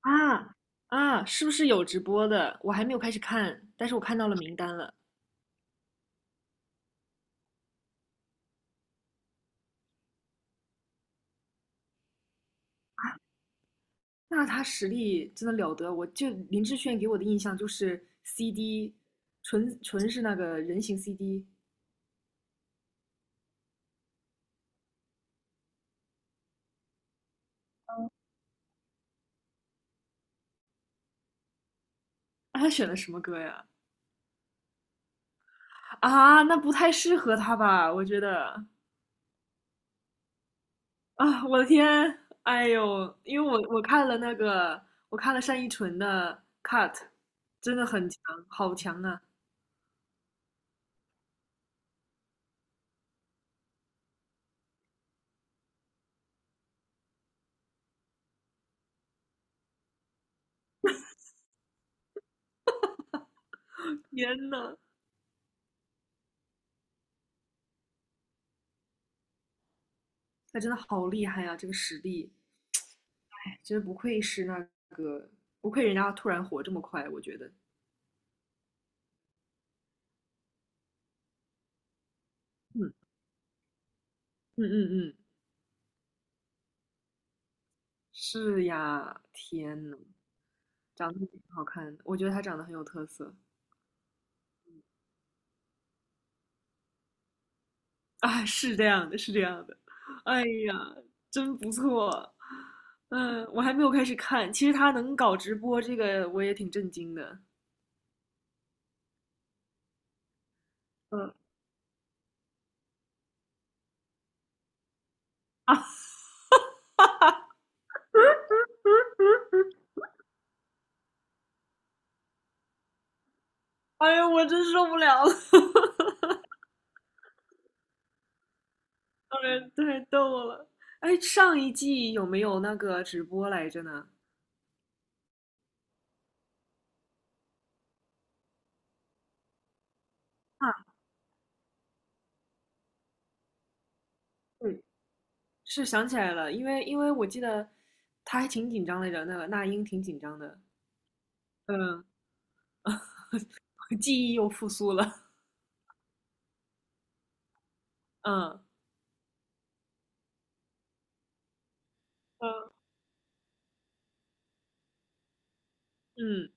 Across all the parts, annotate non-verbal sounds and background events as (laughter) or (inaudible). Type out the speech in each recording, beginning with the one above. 啊啊，是不是有直播的？我还没有开始看，但是我看到了名单了。那他实力真的了得，我就林志炫给我的印象就是 CD，纯纯是那个人形 CD。啊，他选的什么歌呀？啊，那不太适合他吧？我觉得啊，我的天，哎呦，因为我看了那个，我看了单依纯的 Cut，真的很强，好强啊！天呐，他真的好厉害呀！这个实力。真不愧是那个，不愧人家突然火这么快，我觉得，嗯嗯嗯嗯，是呀，天呐，长得挺好看的，我觉得他长得很有特色啊，是这样的，是这样的，哎呀，真不错，嗯，我还没有开始看，其实他能搞直播这个，我也挺震惊的，嗯，哎呀，我真受不了了，(laughs) 当然太逗了，哎，上一季有没有那个直播来着呢？啊，对，是想起来了，因为我记得他还挺紧张来着，那个那英挺紧张的，嗯，(laughs) 记忆又复苏了，嗯嗯，嗯，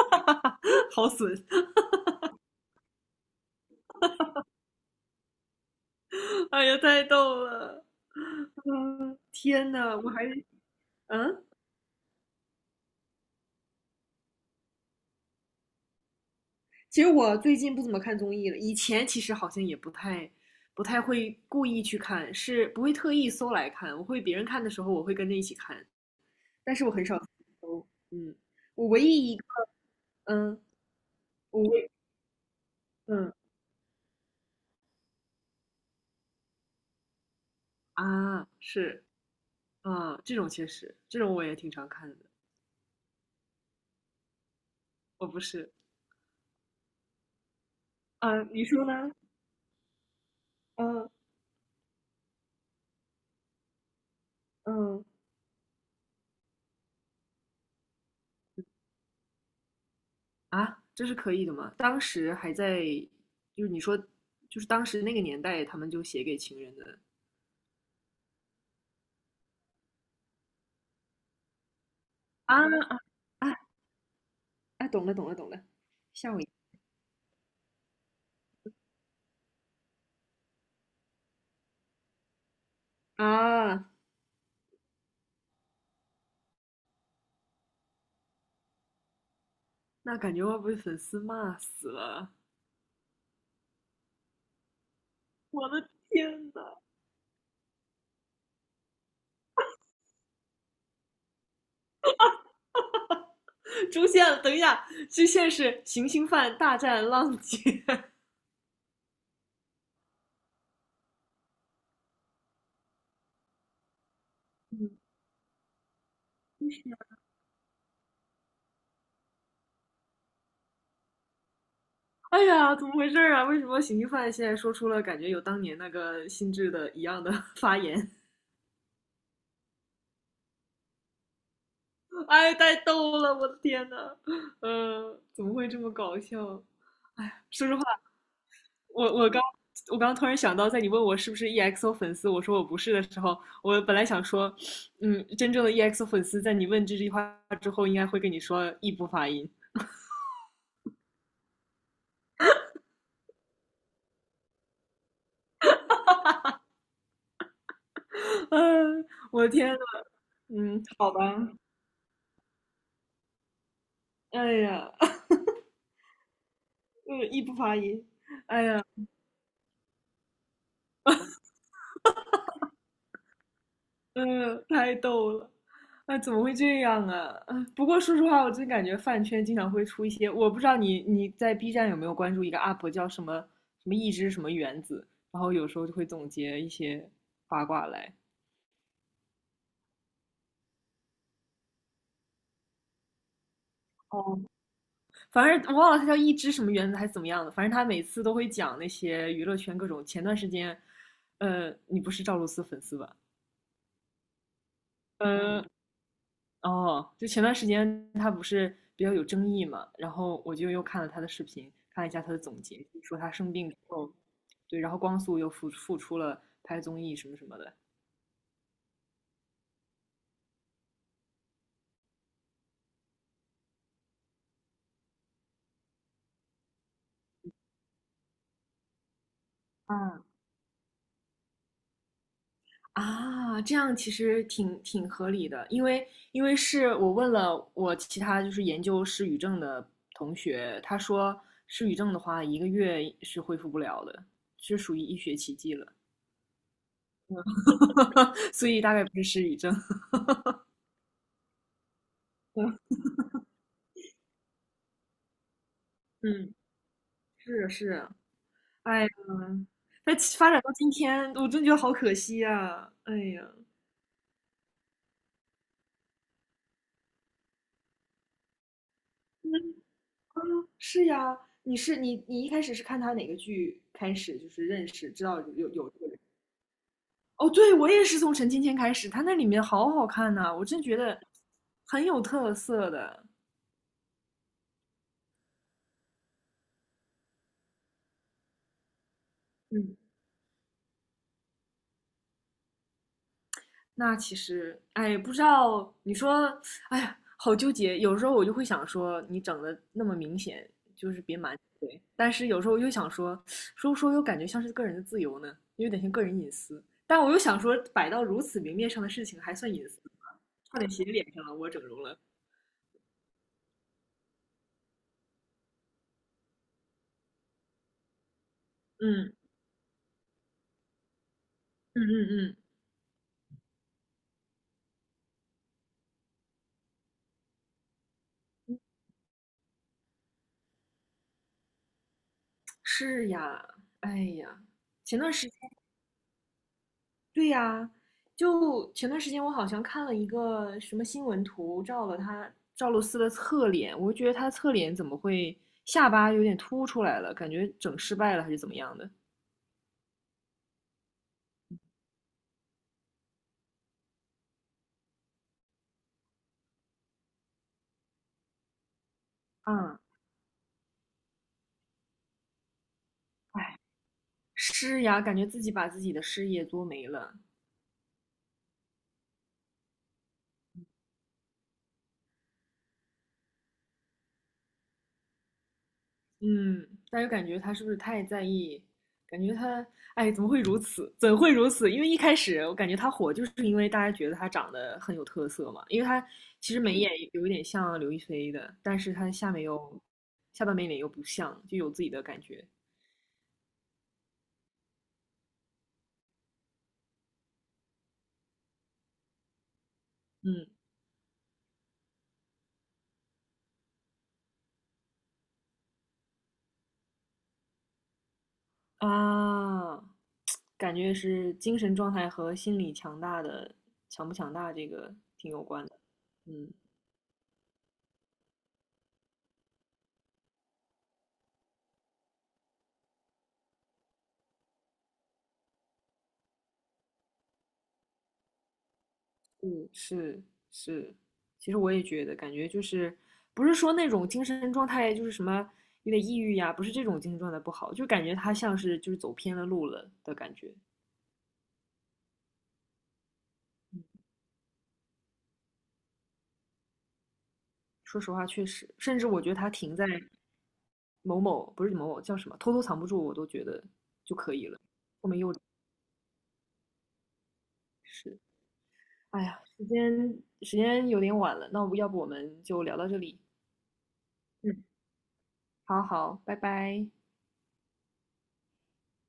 (laughs) 好损，(laughs) 哎呀，太逗了，天呐，我还嗯，其实我最近不怎么看综艺了，以前其实好像也不太会故意去看，是不会特意搜来看，我会别人看的时候我会跟着一起看，但是我很少搜，嗯，我唯一一个嗯，我唯嗯啊是。啊，这种确实，这种我也挺常看的。我不是，啊，你说呢？嗯嗯，啊，这是可以的吗？当时还在，就是你说，就是当时那个年代，他们就写给情人的啊啊啊啊！懂了懂了懂了，吓我一跳啊！那感觉会不会粉丝骂死了？我的天呐，出现了，等一下，这现是行星犯大战浪姐。(laughs) (laughs) 哎呀，怎么回事儿啊？为什么刑犯现在说出了感觉有当年那个心智的一样的 (laughs) 发言？哎，太逗了，我的天呐，怎么会这么搞笑？说实话，我我刚我刚突然想到，在你问我是不是 EXO 粉丝，我说我不是的时候，我本来想说，嗯，真正的 EXO 粉丝在你问这句话之后，应该会跟你说异步发音。嗯、我的天呐，嗯，好吧，哎呀，(laughs) 嗯，异步发音。嗯，太逗了，那怎么会这样啊？(laughs) 啊不过说实话，我真感觉饭圈经常会出一些，我不知道你在 B 站有没有关注一个 UP 叫什么什么一只什么原子，然后有时候就会总结一些八卦来。反正我忘了他叫一只什么原子还是怎么样的，反正他每次都会讲那些娱乐圈各种。前段时间，你不是赵露思粉丝吧？嗯。哦，就前段时间他不是比较有争议嘛，然后我就又看了他的视频，看了一下他的总结，就说他生病之后，对，然后光速又复出了拍综艺什么什么的。嗯，啊，这样其实挺合理的，因为是我问了我其他就是研究失语症的同学，他说失语症的话一个月是恢复不了的，是属于医学奇迹了，(laughs) 所以大概不是失语症。(laughs) 嗯，是是，哎呀，它其发展到今天，我真觉得好可惜啊！哎呀，嗯，是呀，你一开始是看他哪个剧开始就是认识知道有这个人？哦，对，我也是从陈芊芊开始，他那里面好好看呐、我真觉得很有特色的。嗯，那其实，哎，不知道你说，哎呀，好纠结。有时候我就会想说，你整的那么明显，就是别瞒着对但是有时候我又想说，说不说又感觉像是个人的自由呢，又有点像个人隐私。但我又想说，摆到如此明面上的事情还算隐私吗？差点写脸上了，我整容了。嗯嗯嗯嗯，是呀，哎呀，前段时间。对呀，就前段时间我好像看了一个什么新闻图，照了他赵露思的侧脸，我就觉得她侧脸怎么会下巴有点凸出来了，感觉整失败了还是怎么样的？嗯，哎，施呀，感觉自己把自己的事业做没了。嗯，但又感觉他是不是太在意？感觉他，哎，怎么会如此？怎会如此？因为一开始我感觉他火，就是因为大家觉得他长得很有特色嘛。因为他其实眉眼有一点像刘亦菲的，但是他下面又下半边脸又不像，就有自己的感觉。嗯啊，感觉是精神状态和心理强大的强不强大这个挺有关的。嗯嗯，是是，其实我也觉得，感觉就是不是说那种精神状态就是什么有点抑郁呀，不是这种精神状态不好，就感觉他像是就是走偏了路了的感觉。说实话，确实，甚至我觉得他停在某某不是某某叫什么，偷偷藏不住，我都觉得就可以了。是，哎呀，时间有点晚了，那我要不我们就聊到这里。嗯，好好，拜拜。